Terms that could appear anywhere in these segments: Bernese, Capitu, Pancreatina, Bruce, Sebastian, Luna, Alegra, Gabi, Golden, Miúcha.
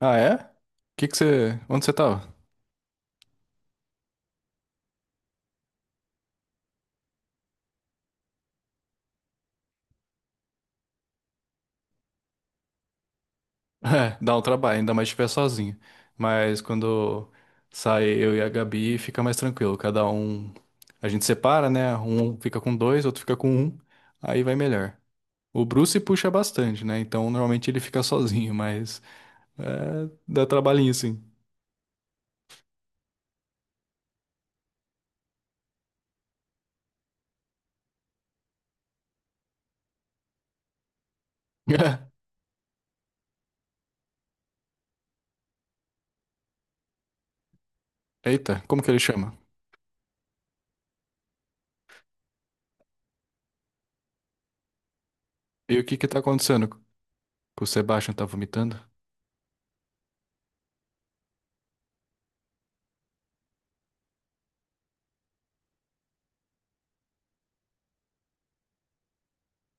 Ah, é? Que você. Onde você tava? É, dá um trabalho, ainda mais se estiver sozinho. Mas quando sai eu e a Gabi, fica mais tranquilo. Cada um. A gente separa, né? Um fica com dois, outro fica com um. Aí vai melhor. O Bruce puxa bastante, né? Então normalmente ele fica sozinho, mas. É, dá trabalhinho sim. Eita, como que ele chama? E o que que tá acontecendo? Que o Sebastian tá vomitando?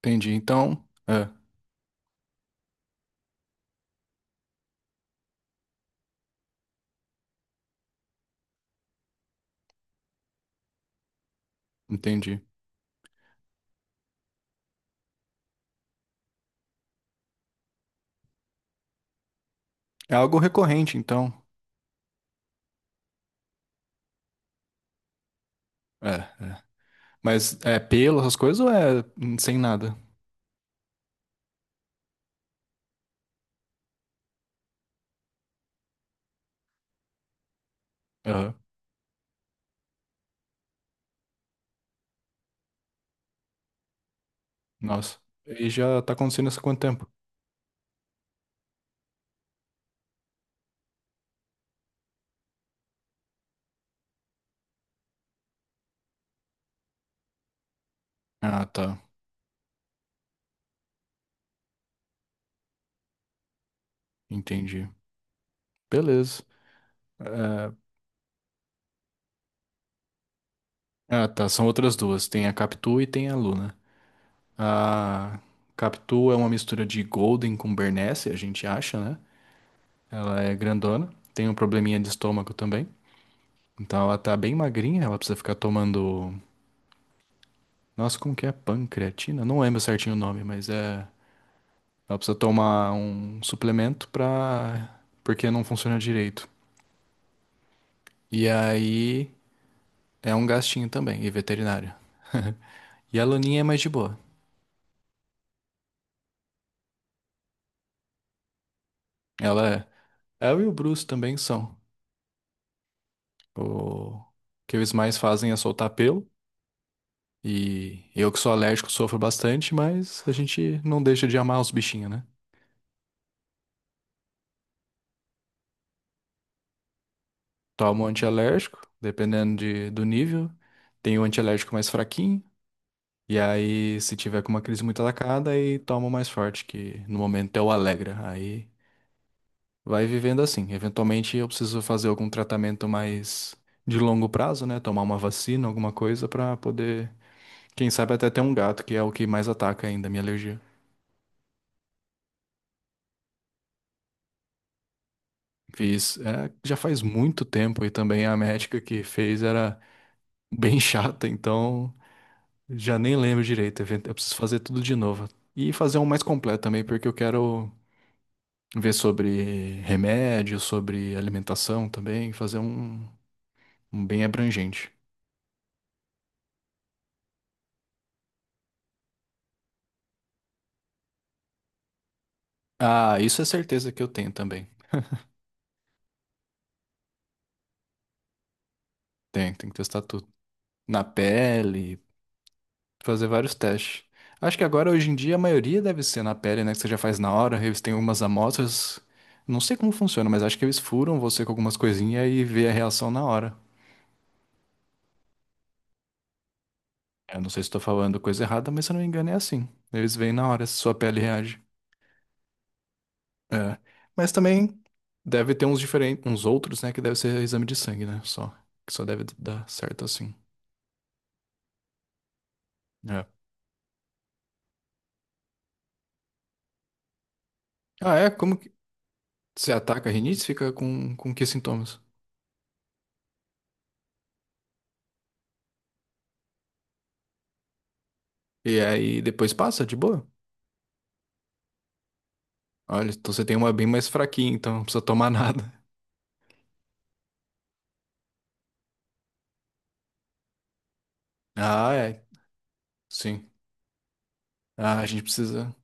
Entendi. Então. Entendi. É algo recorrente, então. É, é. Mas é pelo, essas coisas ou é sem nada? Aham. Nossa. E já tá acontecendo isso há quanto tempo? Ah, tá. Entendi. Beleza. É, Ah, tá. São outras duas. Tem a Capitu e tem a Luna. A Capitu é uma mistura de Golden com Bernese, a gente acha, né? Ela é grandona. Tem um probleminha de estômago também. Então ela tá bem magrinha. Ela precisa ficar tomando. Nossa, como que é? Pancreatina? Não lembro certinho o nome, mas é. Ela precisa tomar um suplemento pra porque não funciona direito. E aí é um gastinho também, e veterinário. E a Laninha é mais de boa. Ela é. Ela e o Bruce também são. O que eles mais fazem é soltar pelo. E eu que sou alérgico sofro bastante, mas a gente não deixa de amar os bichinhos, né? Toma um antialérgico, dependendo de do nível. Tem o antialérgico mais fraquinho. E aí, se tiver com uma crise muito atacada, aí toma o mais forte, que no momento é o Alegra. Aí vai vivendo assim. Eventualmente eu preciso fazer algum tratamento mais de longo prazo, né? Tomar uma vacina, alguma coisa pra poder, quem sabe até ter um gato, que é o que mais ataca ainda a minha alergia. Fiz, é, já faz muito tempo e também a médica que fez era bem chata, então já nem lembro direito. Eu preciso fazer tudo de novo. E fazer um mais completo também, porque eu quero ver sobre remédio, sobre alimentação também, fazer um bem abrangente. Ah, isso é certeza que eu tenho também. Tem que testar tudo. Na pele, fazer vários testes. Acho que agora, hoje em dia, a maioria deve ser na pele, né? Que você já faz na hora, eles têm algumas amostras. Não sei como funciona, mas acho que eles furam você com algumas coisinhas e vê a reação na hora. Eu não sei se estou falando coisa errada, mas se eu não me engano é assim. Eles veem na hora se sua pele reage. É. Mas também deve ter uns diferentes, uns outros, né, que deve ser exame de sangue, né? Só. Que só deve dar certo assim. É. Ah, é? Como que você ataca a rinite? Fica com que sintomas? E aí depois passa de boa? Olha, então você tem uma bem mais fraquinha, então não precisa tomar nada. Ah, é. Sim. Ah, a gente precisa.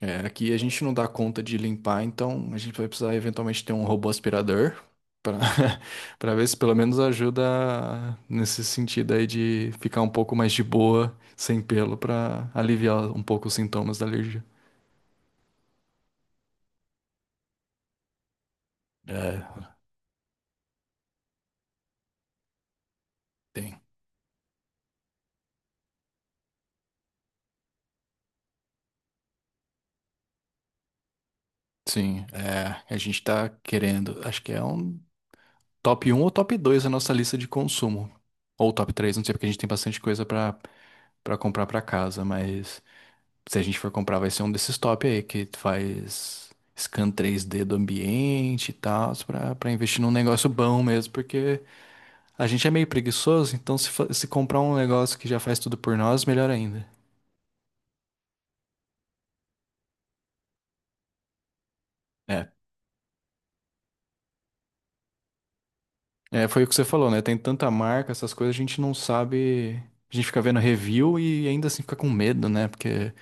É, aqui a gente não dá conta de limpar, então a gente vai precisar eventualmente ter um robô aspirador para para ver se pelo menos ajuda nesse sentido aí de ficar um pouco mais de boa, sem pelo, para aliviar um pouco os sintomas da alergia. É, tem. Sim, é, a gente tá querendo, acho que é um top um ou top 2 a nossa lista de consumo. Ou top 3 não sei, porque a gente tem bastante coisa para comprar para casa, mas se a gente for comprar, vai ser um desses top aí, que faz scan 3D do ambiente e tal, pra investir num negócio bom mesmo, porque a gente é meio preguiçoso, então se comprar um negócio que já faz tudo por nós, melhor ainda. É, foi o que você falou, né? Tem tanta marca, essas coisas, a gente não sabe. A gente fica vendo review e ainda assim fica com medo, né? Porque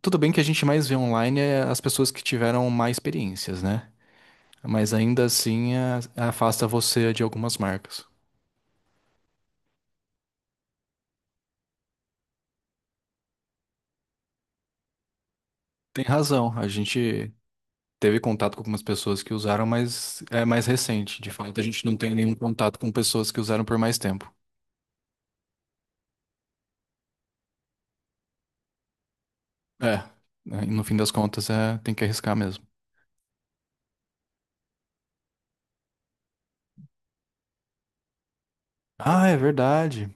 tudo bem que a gente mais vê online é as pessoas que tiveram mais experiências, né? Mas ainda assim afasta você de algumas marcas. Tem razão, a gente teve contato com algumas pessoas que usaram, mas é mais recente. De fato, a gente não tem nenhum contato com pessoas que usaram por mais tempo. É, né, no fim das contas, é, tem que arriscar mesmo. Ah, é verdade.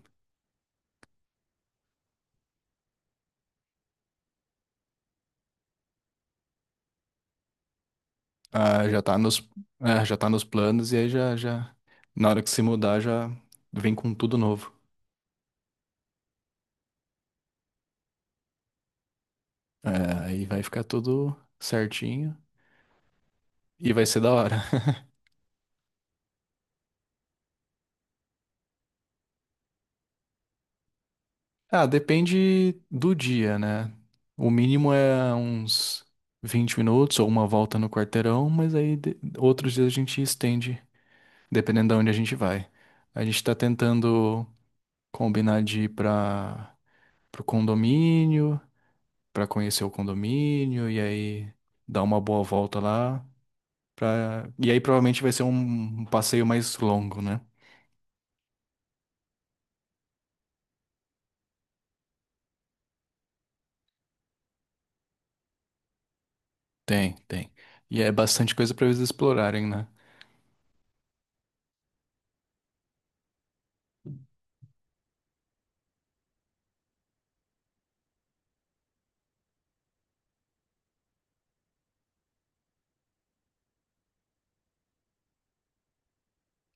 Ah, já tá nos, é, já tá nos planos e aí já, na hora que se mudar, já vem com tudo novo. É, aí vai ficar tudo certinho e vai ser da hora. Ah, depende do dia, né? O mínimo é uns 20 minutos ou uma volta no quarteirão, mas outros dias a gente estende, dependendo de onde a gente vai. A gente tá tentando combinar de ir para pro condomínio, pra conhecer o condomínio e aí dar uma boa volta lá, pra e aí provavelmente vai ser um passeio mais longo, né? Tem, tem. E é bastante coisa pra eles explorarem, né?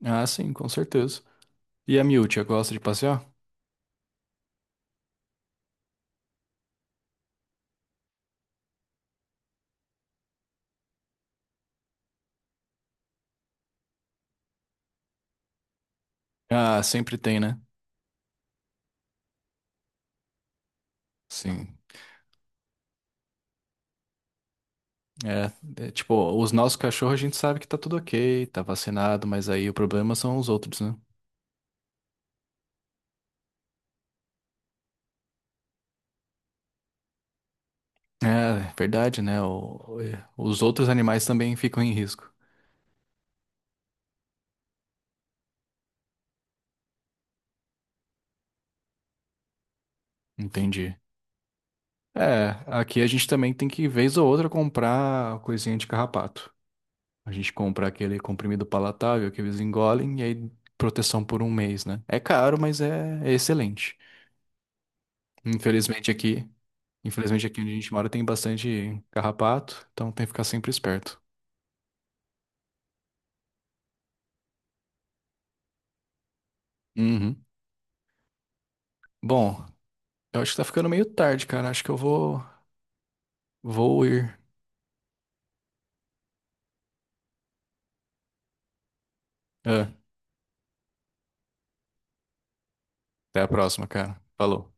Ah, sim, com certeza. E a Miúcha gosta de passear? Ah, sempre tem, né? Sim. Tipo, os nossos cachorros a gente sabe que tá tudo ok, tá vacinado, mas aí o problema são os outros, né? É, verdade, né? É, os outros animais também ficam em risco. Entendi. É, aqui a gente também tem que, vez ou outra, comprar coisinha de carrapato. A gente compra aquele comprimido palatável que eles engolem e aí proteção por 1 mês, né? É caro, mas é excelente. Infelizmente aqui. Infelizmente aqui onde a gente mora tem bastante carrapato, então tem que ficar sempre esperto. Uhum. Bom, eu acho que tá ficando meio tarde, cara. Acho que vou ir. Ah, até a próxima, cara. Falou.